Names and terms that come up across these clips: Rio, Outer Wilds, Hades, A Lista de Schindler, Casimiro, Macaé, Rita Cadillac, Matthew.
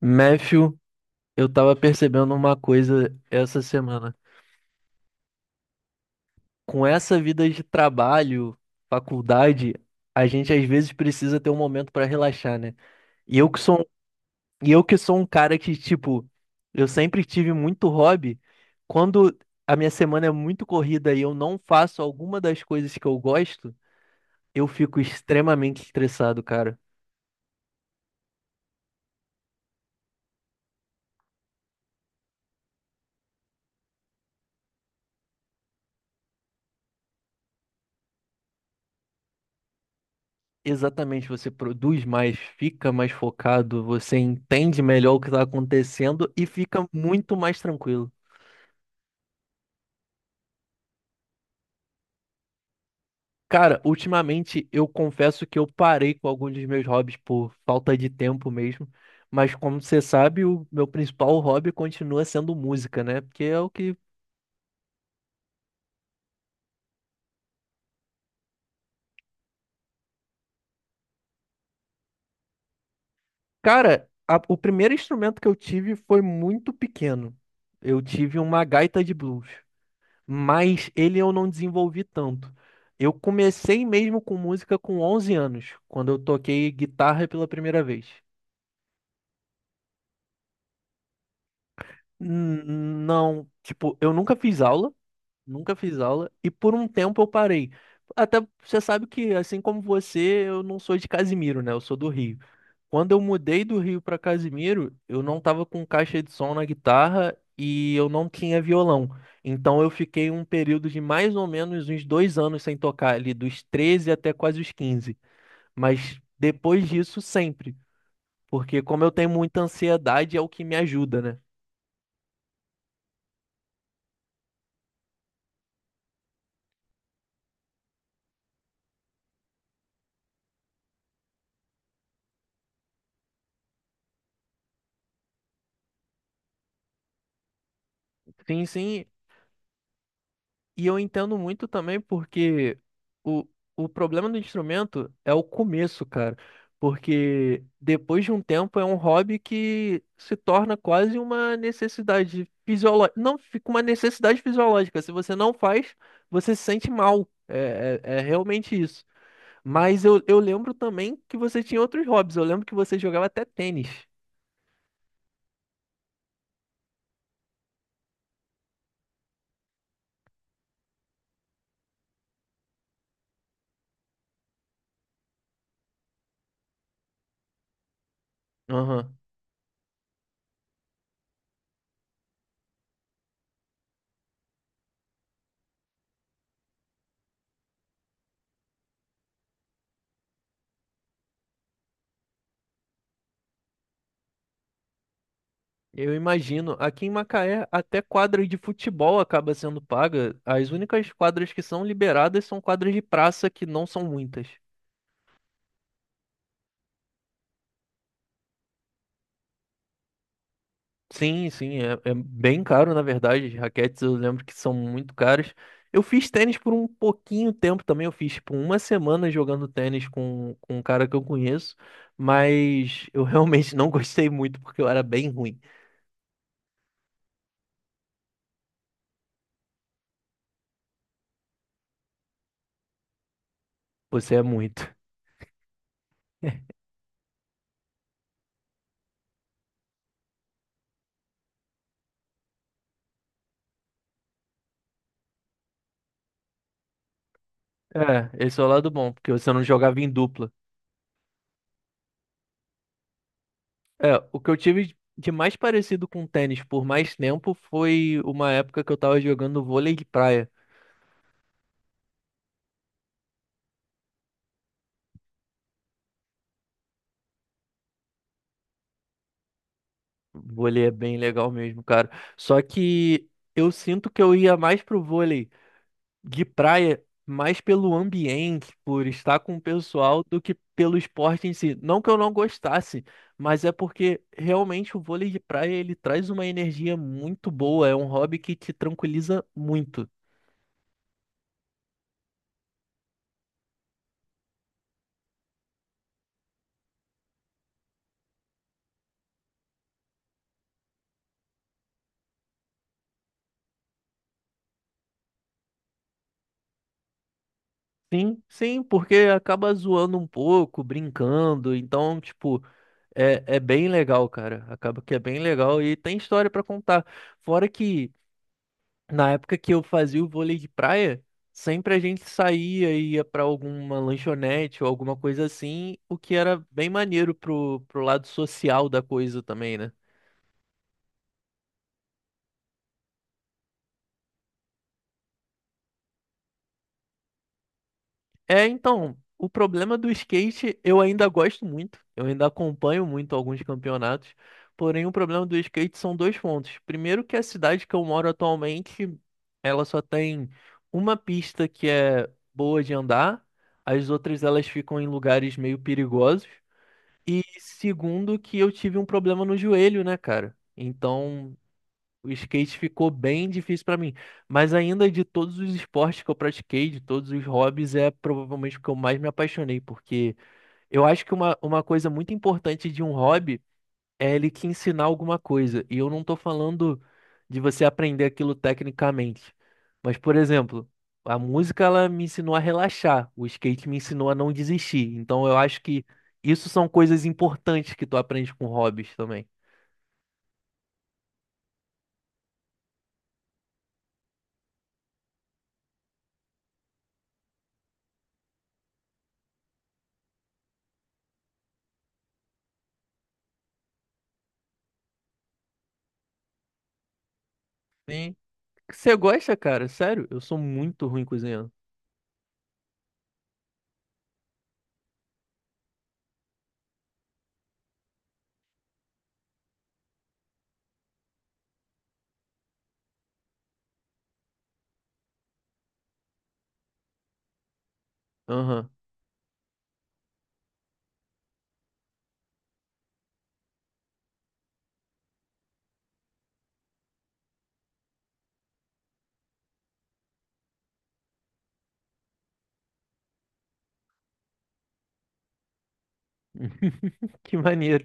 Matthew, eu tava percebendo uma coisa essa semana. Com essa vida de trabalho, faculdade, a gente às vezes precisa ter um momento pra relaxar, né? E eu que sou, um, e eu que sou um cara que, tipo, eu sempre tive muito hobby. Quando a minha semana é muito corrida e eu não faço alguma das coisas que eu gosto, eu fico extremamente estressado, cara. Exatamente, você produz mais, fica mais focado, você entende melhor o que está acontecendo e fica muito mais tranquilo. Cara, ultimamente eu confesso que eu parei com alguns dos meus hobbies por falta de tempo mesmo, mas como você sabe, o meu principal hobby continua sendo música, né? Porque é o que. Cara, o primeiro instrumento que eu tive foi muito pequeno. Eu tive uma gaita de blues, mas ele eu não desenvolvi tanto. Eu comecei mesmo com música com 11 anos, quando eu toquei guitarra pela primeira vez. N- Não, tipo, eu nunca fiz aula, e por um tempo eu parei. Até você sabe que, assim como você, eu não sou de Casimiro, né? Eu sou do Rio. Quando eu mudei do Rio para Casimiro, eu não tava com caixa de som na guitarra e eu não tinha violão. Então eu fiquei um período de mais ou menos uns 2 anos sem tocar, ali dos 13 até quase os 15. Mas depois disso, sempre. Porque como eu tenho muita ansiedade, é o que me ajuda, né? Sim, sim. E eu entendo muito também porque o, o problema do instrumento é o começo, cara. Porque depois de um tempo é um hobby que se torna quase uma necessidade fisiológica. Não, fica uma necessidade fisiológica. Se você não faz, você se sente mal. É realmente isso. Mas eu lembro também que você tinha outros hobbies. Eu lembro que você jogava até tênis. Aham. Eu imagino, aqui em Macaé, até quadra de futebol acaba sendo paga. As únicas quadras que são liberadas são quadras de praça, que não são muitas. Sim, sim, é, é bem caro, na verdade. As raquetes eu lembro que são muito caras. Eu fiz tênis por um pouquinho tempo também. Eu fiz, tipo, uma semana jogando tênis com, um cara que eu conheço, mas eu realmente não gostei muito porque eu era bem ruim. Você é muito. É, esse é o lado bom, porque você não jogava em dupla. É, o que eu tive de mais parecido com tênis por mais tempo foi uma época que eu tava jogando vôlei de praia. Vôlei é bem legal mesmo, cara. Só que eu sinto que eu ia mais pro vôlei de praia, mais pelo ambiente, por estar com o pessoal, do que pelo esporte em si. Não que eu não gostasse, mas é porque realmente o vôlei de praia ele traz uma energia muito boa, é um hobby que te tranquiliza muito. Sim, sim, porque acaba zoando um pouco, brincando, então, tipo, é, é bem legal, cara. Acaba que é bem legal e tem história pra contar. Fora que, na época que eu fazia o vôlei de praia, sempre a gente saía e ia pra alguma lanchonete ou alguma coisa assim, o que era bem maneiro pro lado social da coisa também, né? É, então, o problema do skate eu ainda gosto muito, eu ainda acompanho muito alguns campeonatos, porém o problema do skate são dois pontos. Primeiro que a cidade que eu moro atualmente, ela só tem uma pista que é boa de andar, as outras elas ficam em lugares meio perigosos. E segundo que eu tive um problema no joelho, né, cara? Então, o skate ficou bem difícil pra mim, mas ainda de todos os esportes que eu pratiquei, de todos os hobbies, é provavelmente o que eu mais me apaixonei, porque eu acho que uma coisa muito importante de um hobby é ele te ensinar alguma coisa. E eu não tô falando de você aprender aquilo tecnicamente, mas, por exemplo, a música ela me ensinou a relaxar, o skate me ensinou a não desistir. Então eu acho que isso são coisas importantes que tu aprende com hobbies também. Você gosta, cara? Sério? Eu sou muito ruim cozinhando. Aham. Que maneiro.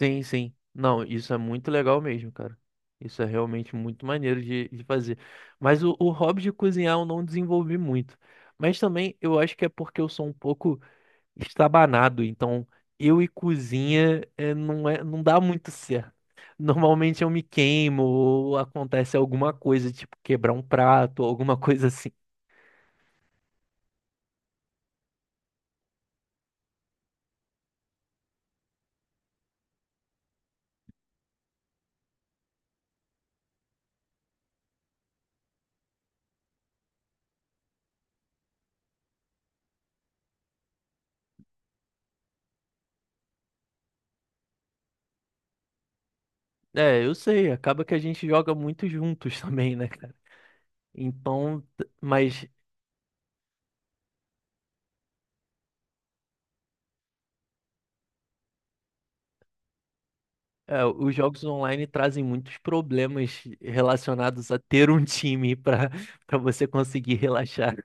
Sim, sim. Não, isso é muito legal mesmo, cara. Isso é realmente muito maneiro de fazer. Mas o hobby de cozinhar eu não desenvolvi muito. Mas também eu acho que é porque eu sou um pouco estabanado. Então, eu e cozinha não dá muito certo. Normalmente eu me queimo ou acontece alguma coisa, tipo quebrar um prato ou alguma coisa assim. É, eu sei, acaba que a gente joga muito juntos também, né, cara? Então, mas é, os jogos online trazem muitos problemas relacionados a ter um time para você conseguir relaxar.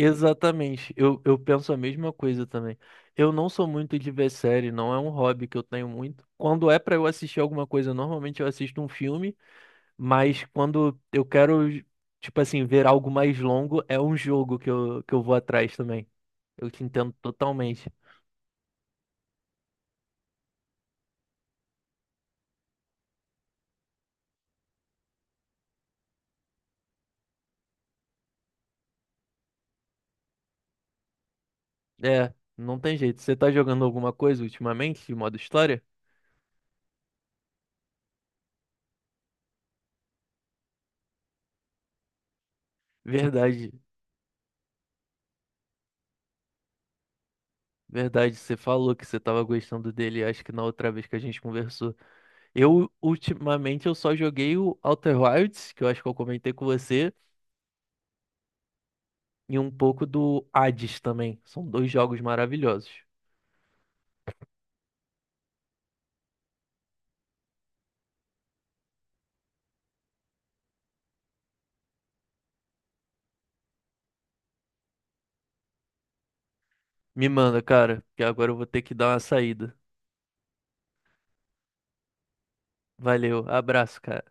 Exatamente, eu penso a mesma coisa também. Eu não sou muito de ver série, não é um hobby que eu tenho muito. Quando é para eu assistir alguma coisa, normalmente eu assisto um filme. Mas quando eu quero, tipo assim, ver algo mais longo, é um jogo que eu vou atrás também. Eu te entendo totalmente. É, não tem jeito. Você tá jogando alguma coisa ultimamente, de modo história? Verdade, verdade. Você falou que você tava gostando dele, acho que na outra vez que a gente conversou. Eu, ultimamente, eu só joguei o Outer Wilds, que eu acho que eu comentei com você, e um pouco do Hades também. São dois jogos maravilhosos. Me manda, cara, que agora eu vou ter que dar uma saída. Valeu, abraço, cara.